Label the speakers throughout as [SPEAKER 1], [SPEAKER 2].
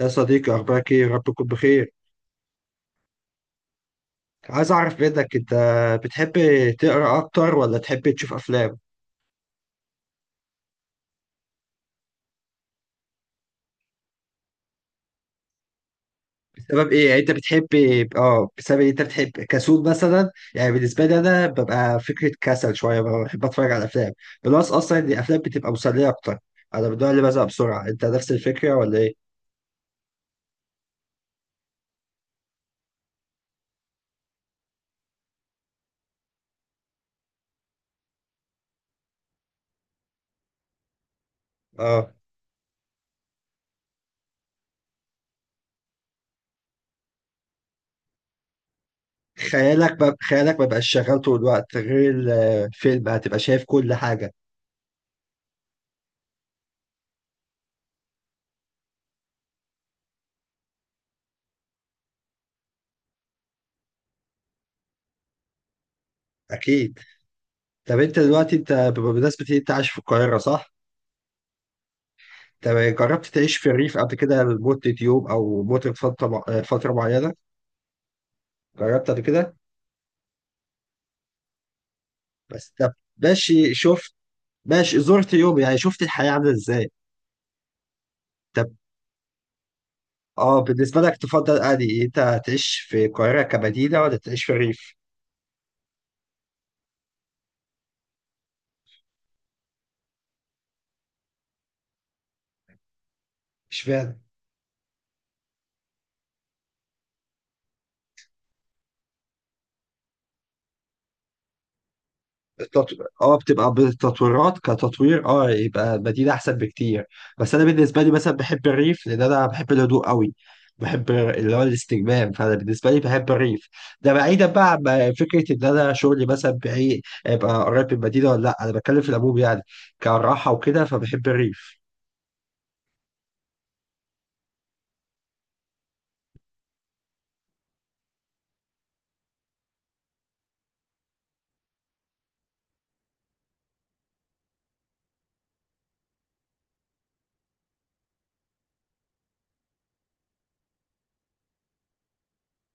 [SPEAKER 1] يا صديقي، أخبارك إيه؟ يا رب تكون بخير. عايز أعرف منك، أنت بتحب تقرأ أكتر ولا تحب تشوف أفلام؟ بسبب إيه؟ يعني أنت بتحب آه بسبب إيه أنت بتحب كسول مثلا؟ يعني بالنسبة لي أنا ببقى فكرة كسل شوية، بحب أتفرج على أفلام، بلس أصلا إن الأفلام بتبقى مسلية أكتر. أنا من النوع اللي بزهق بسرعة، أنت نفس الفكرة ولا إيه؟ آه، خيالك ما بقاش شغال طول الوقت غير الفيلم، هتبقى شايف كل حاجة. أكيد. طب أنت دلوقتي أنت بمناسبة إن أنت عايش في القاهرة، صح؟ طب جربت تعيش في الريف قبل كده لمدة يوم أو مدة فترة معينة؟ جربت قبل كده؟ بس طب ماشي، شفت ماشي زرت يوم، يعني شفت الحياة عاملة إزاي؟ طب، اه بالنسبة لك تفضل أنهي، أنت تعيش في القاهرة كمدينة ولا تعيش في الريف؟ اشمعنى؟ التط- اه، بتبقى بالتطويرات، كتطوير يبقى مدينة احسن بكتير. بس انا بالنسبة لي مثلا بحب الريف لان انا بحب الهدوء قوي. بحب اللي هو الاستجمام، فانا بالنسبة لي بحب الريف. ده بعيدا بقى عن فكرة ان انا شغلي مثلا بعيد ابقى قريب من المدينة ولا لا، انا بتكلم في العموم يعني، كراحة وكده فبحب الريف.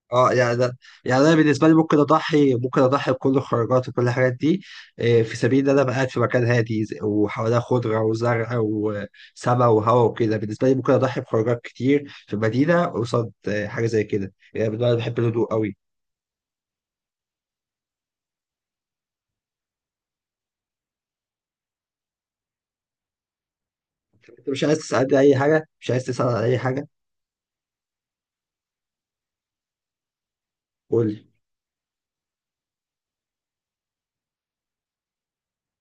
[SPEAKER 1] اه يعني ده، يعني انا بالنسبه لي ممكن اضحي بكل الخروجات وكل الحاجات دي، في سبيل ان انا ابقى قاعد في مكان هادي، وحواليها خضره وزرع وسماء وهواء وكده. بالنسبه لي ممكن اضحي بخروجات كتير في المدينه قصاد حاجه زي كده، يعني بالنسبه لي أنا بحب الهدوء قوي. انت مش عايز تسالني اي حاجه؟ مش عايز تسال عن اي حاجه؟ قول لي.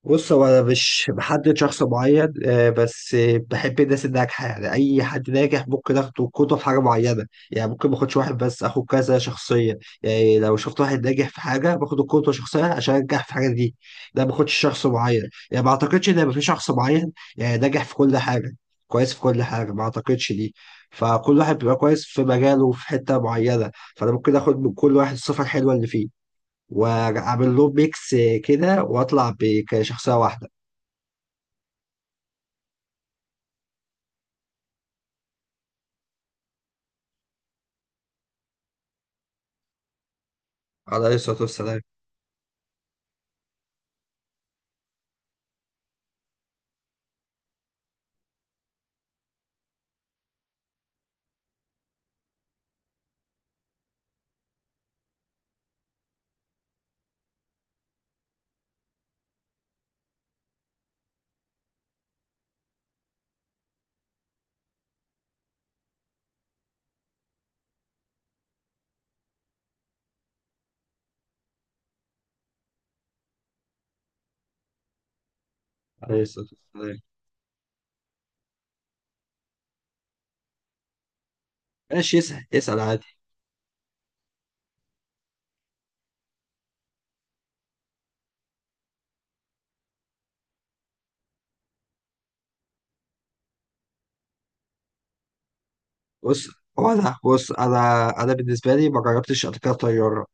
[SPEAKER 1] بص، هو انا مش بحدد شخص معين، بس بحب الناس الناجحه، يعني اي حد ناجح ممكن اخده قدوه في حاجه معينه. يعني ممكن ما اخدش واحد، بس اخد كذا شخصيه. يعني لو شفت واحد ناجح في حاجه باخد القدوه شخصيه عشان انجح في حاجه دي. ده ما باخدش شخص معين. يعني ما اعتقدش ان يبقى في شخص معين يعني ناجح في كل حاجه، كويس في كل حاجه، ما اعتقدش دي. فكل واحد بيبقى كويس في مجاله، في حته معينه. فانا ممكن اخد من كل واحد الصفه الحلوه اللي فيه، واعمل له ميكس كده واطلع كشخصيه واحده. عليه الصلاه والسلام. عليه الصلاه والسلام. ماشي، اسال عادي. بص، هو انا، بص انا، انا بالنسبه لي ما جربتش قبل كده طياره،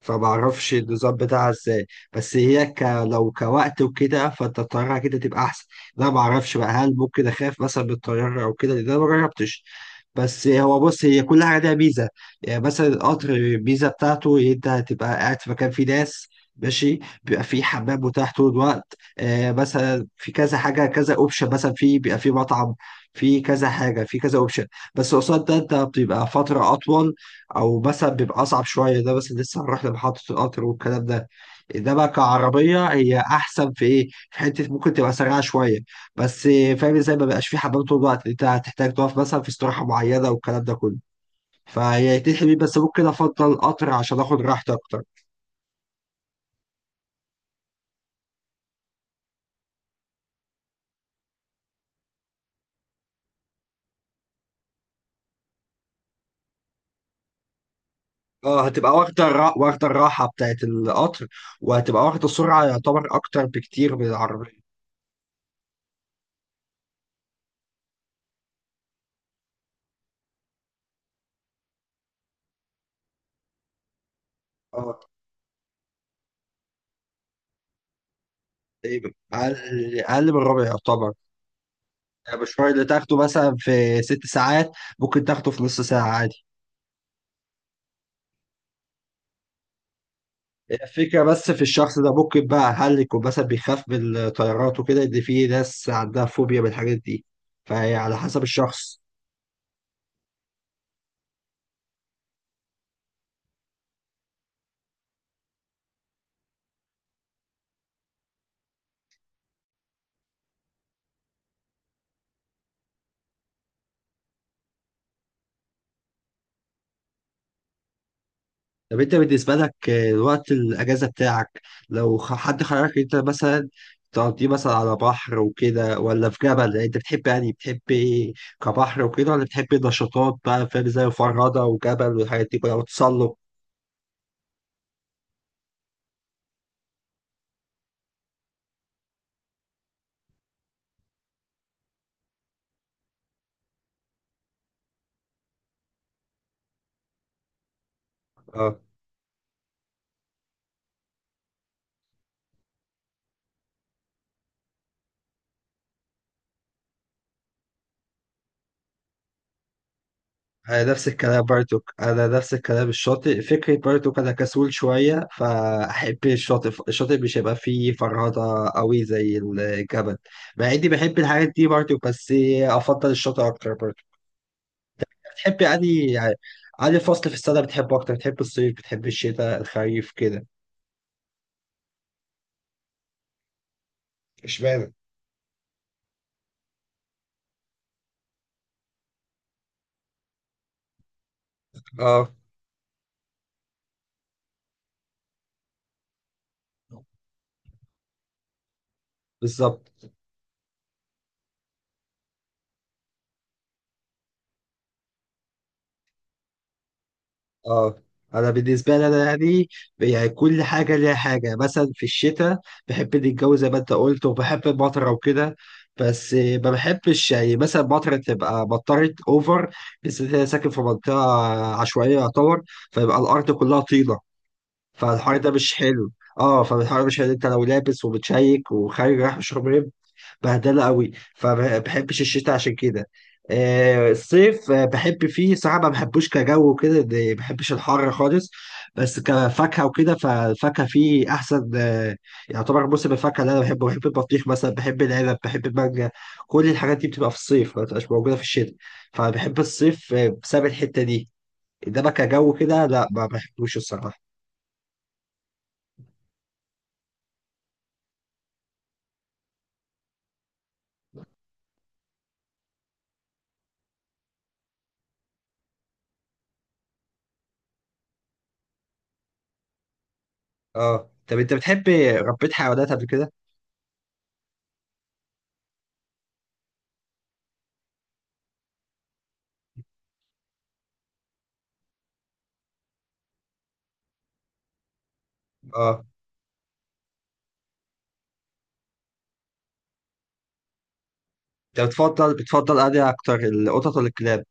[SPEAKER 1] فمعرفش النظام بتاعها ازاي. بس هي ك... لو كوقت وكده فانت الطيارة كده تبقى احسن. لا معرفش بقى، هل ممكن اخاف مثلا من الطيارة او كده لان انا مجربتش. بس هو بص، هي كل حاجة ليها ميزة. يعني مثلا القطر، الميزة بتاعته إن انت هتبقى قاعد في مكان فيه ناس ماشي، بيبقى فيه حمام متاح طول الوقت. مثلا في كذا حاجة، كذا اوبشن، مثلا في، بيبقى فيه مطعم، في كذا حاجة، في كذا اوبشن. بس قصاد ده انت بتبقى فترة أطول، او مثلا بيبقى اصعب شويه. ده بس لسه هنروح لمحطه القطر والكلام ده. ده بقى كعربيه، هي احسن في ايه، في حته ممكن تبقى سريعه شويه. بس فاهم ازاي، ما بقاش في حمام طول الوقت، انت هتحتاج تقف مثلا في استراحه معينه والكلام ده كله. فهي تحلي بيه، بس ممكن افضل القطر عشان اخد راحتي اكتر. اه، هتبقى واخده الراحه بتاعت القطر، وهتبقى واخده السرعه، يعتبر اكتر بكتير من العربيه. اه، تقريباً اقل. أقل من الربع يعتبر. المشوار اللي تاخده مثلا في ست ساعات، ممكن تاخده في نص ساعة عادي. الفكرة بس في الشخص ده، ممكن بقى هل يكون مثلا بيخاف من الطيارات وكده، ان في ناس عندها فوبيا من الحاجات دي. فهي على حسب الشخص. طب انت بالنسبة لك، وقت الأجازة بتاعك، لو حد خيرك، انت مثلا تقضيه مثلا على بحر وكده ولا في جبل، يعني انت بتحب، يعني بتحب ايه؟ كبحر وكده ولا بتحب نشاطات، بقى فاهم، زي الفرادة وجبل والحاجات دي كلها وتسلق. انا نفس الكلام، الشاطئ فكرة بارتوك. انا كسول شوية فاحب الشاطئ. الشاطئ مش هيبقى فيه فرهضة قوي زي الجبل. مع اني بحب الحاجات دي برضه، بس افضل الشاطئ اكتر برضه. بتحب يعني أنهي فصل في السنة بتحبه اكتر؟ بتحب الصيف، بتحب الشتاء، الخريف كده؟ اشمعنى؟ اه، بالظبط. اه انا بالنسبه لي انا، يعني كل حاجه ليها حاجه. مثلا في الشتاء بحب الجو زي ما انت قلت، وبحب المطره وكده. بس ما بحبش يعني مثلا المطره تبقى مطرت اوفر، بالذات إن انا ساكن في منطقه عشوائيه يعتبر، فيبقى الارض كلها طينه. فالحر ده مش حلو. اه فالحر ده مش حلو، انت لو لابس ومتشيك وخارج رايح مشروب، بهدله قوي، فما بحبش الشتاء عشان كده. الصيف بحب فيه صراحه، ما بحبوش كجو وكده، ما بحبش الحر خالص. بس كفاكهه وكده، فالفاكهه فيه احسن. يعتبر موسم الفاكهه اللي انا بحبه، بحب البطيخ مثلا، بحب العنب، بحب المانجا. كل الحاجات دي بتبقى في الصيف، ما بتبقاش موجوده في الشتاء، فبحب الصيف بسبب الحته دي. انما كجو كده لا، ما بحبوش الصراحه. اه طب انت بتحب، ربيت حيوانات قبل كده؟ اه، انت بتفضل انهي اكتر، القطط ولا الكلاب؟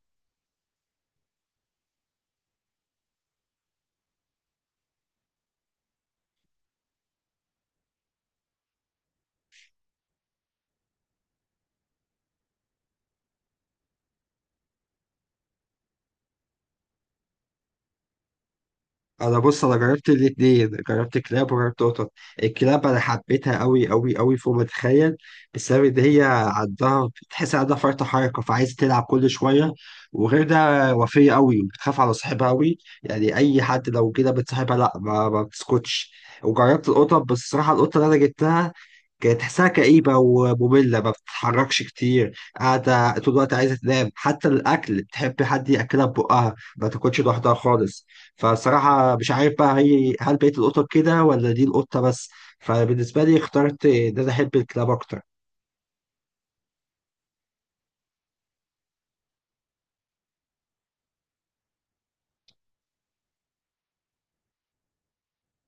[SPEAKER 1] انا بص، انا جربت الاتنين، جربت كلاب وجربت قطط. الكلاب انا حبيتها قوي قوي قوي، فوق ما تتخيل. بسبب ان هي عندها فرط حركه، فعايزه تلعب كل شويه. وغير ده، وفيه قوي بتخاف على صاحبها قوي، يعني اي حد لو كده بتصاحبها لا، ما بتسكتش. وجربت القطط، بس الصراحه القطه اللي انا جبتها كانت تحسها كئيبة ومملة، ما بتتحركش كتير، قاعدة طول الوقت، عايزة تنام، حتى الأكل بتحب حد يأكلها ببقها، ما تاكلش لوحدها خالص. فالصراحة مش عارف بقى هي، هل بقية القطط كده ولا دي القطة بس؟ فبالنسبة لي اخترت إن أنا أحب الكلاب أكتر.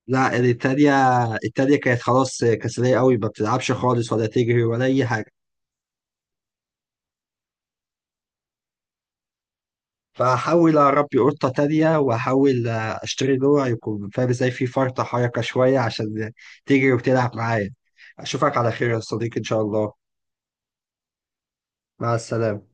[SPEAKER 1] لا، التانية، التانية كانت خلاص كسلية قوي، ما بتلعبش خالص ولا تجري ولا أي حاجة. فأحاول أربي قطة تانية، وأحاول أشتري نوع يكون، فاهم إزاي، في فرطة حركة شوية، عشان تجري وتلعب معايا. أشوفك على خير يا صديقي إن شاء الله. مع السلامة.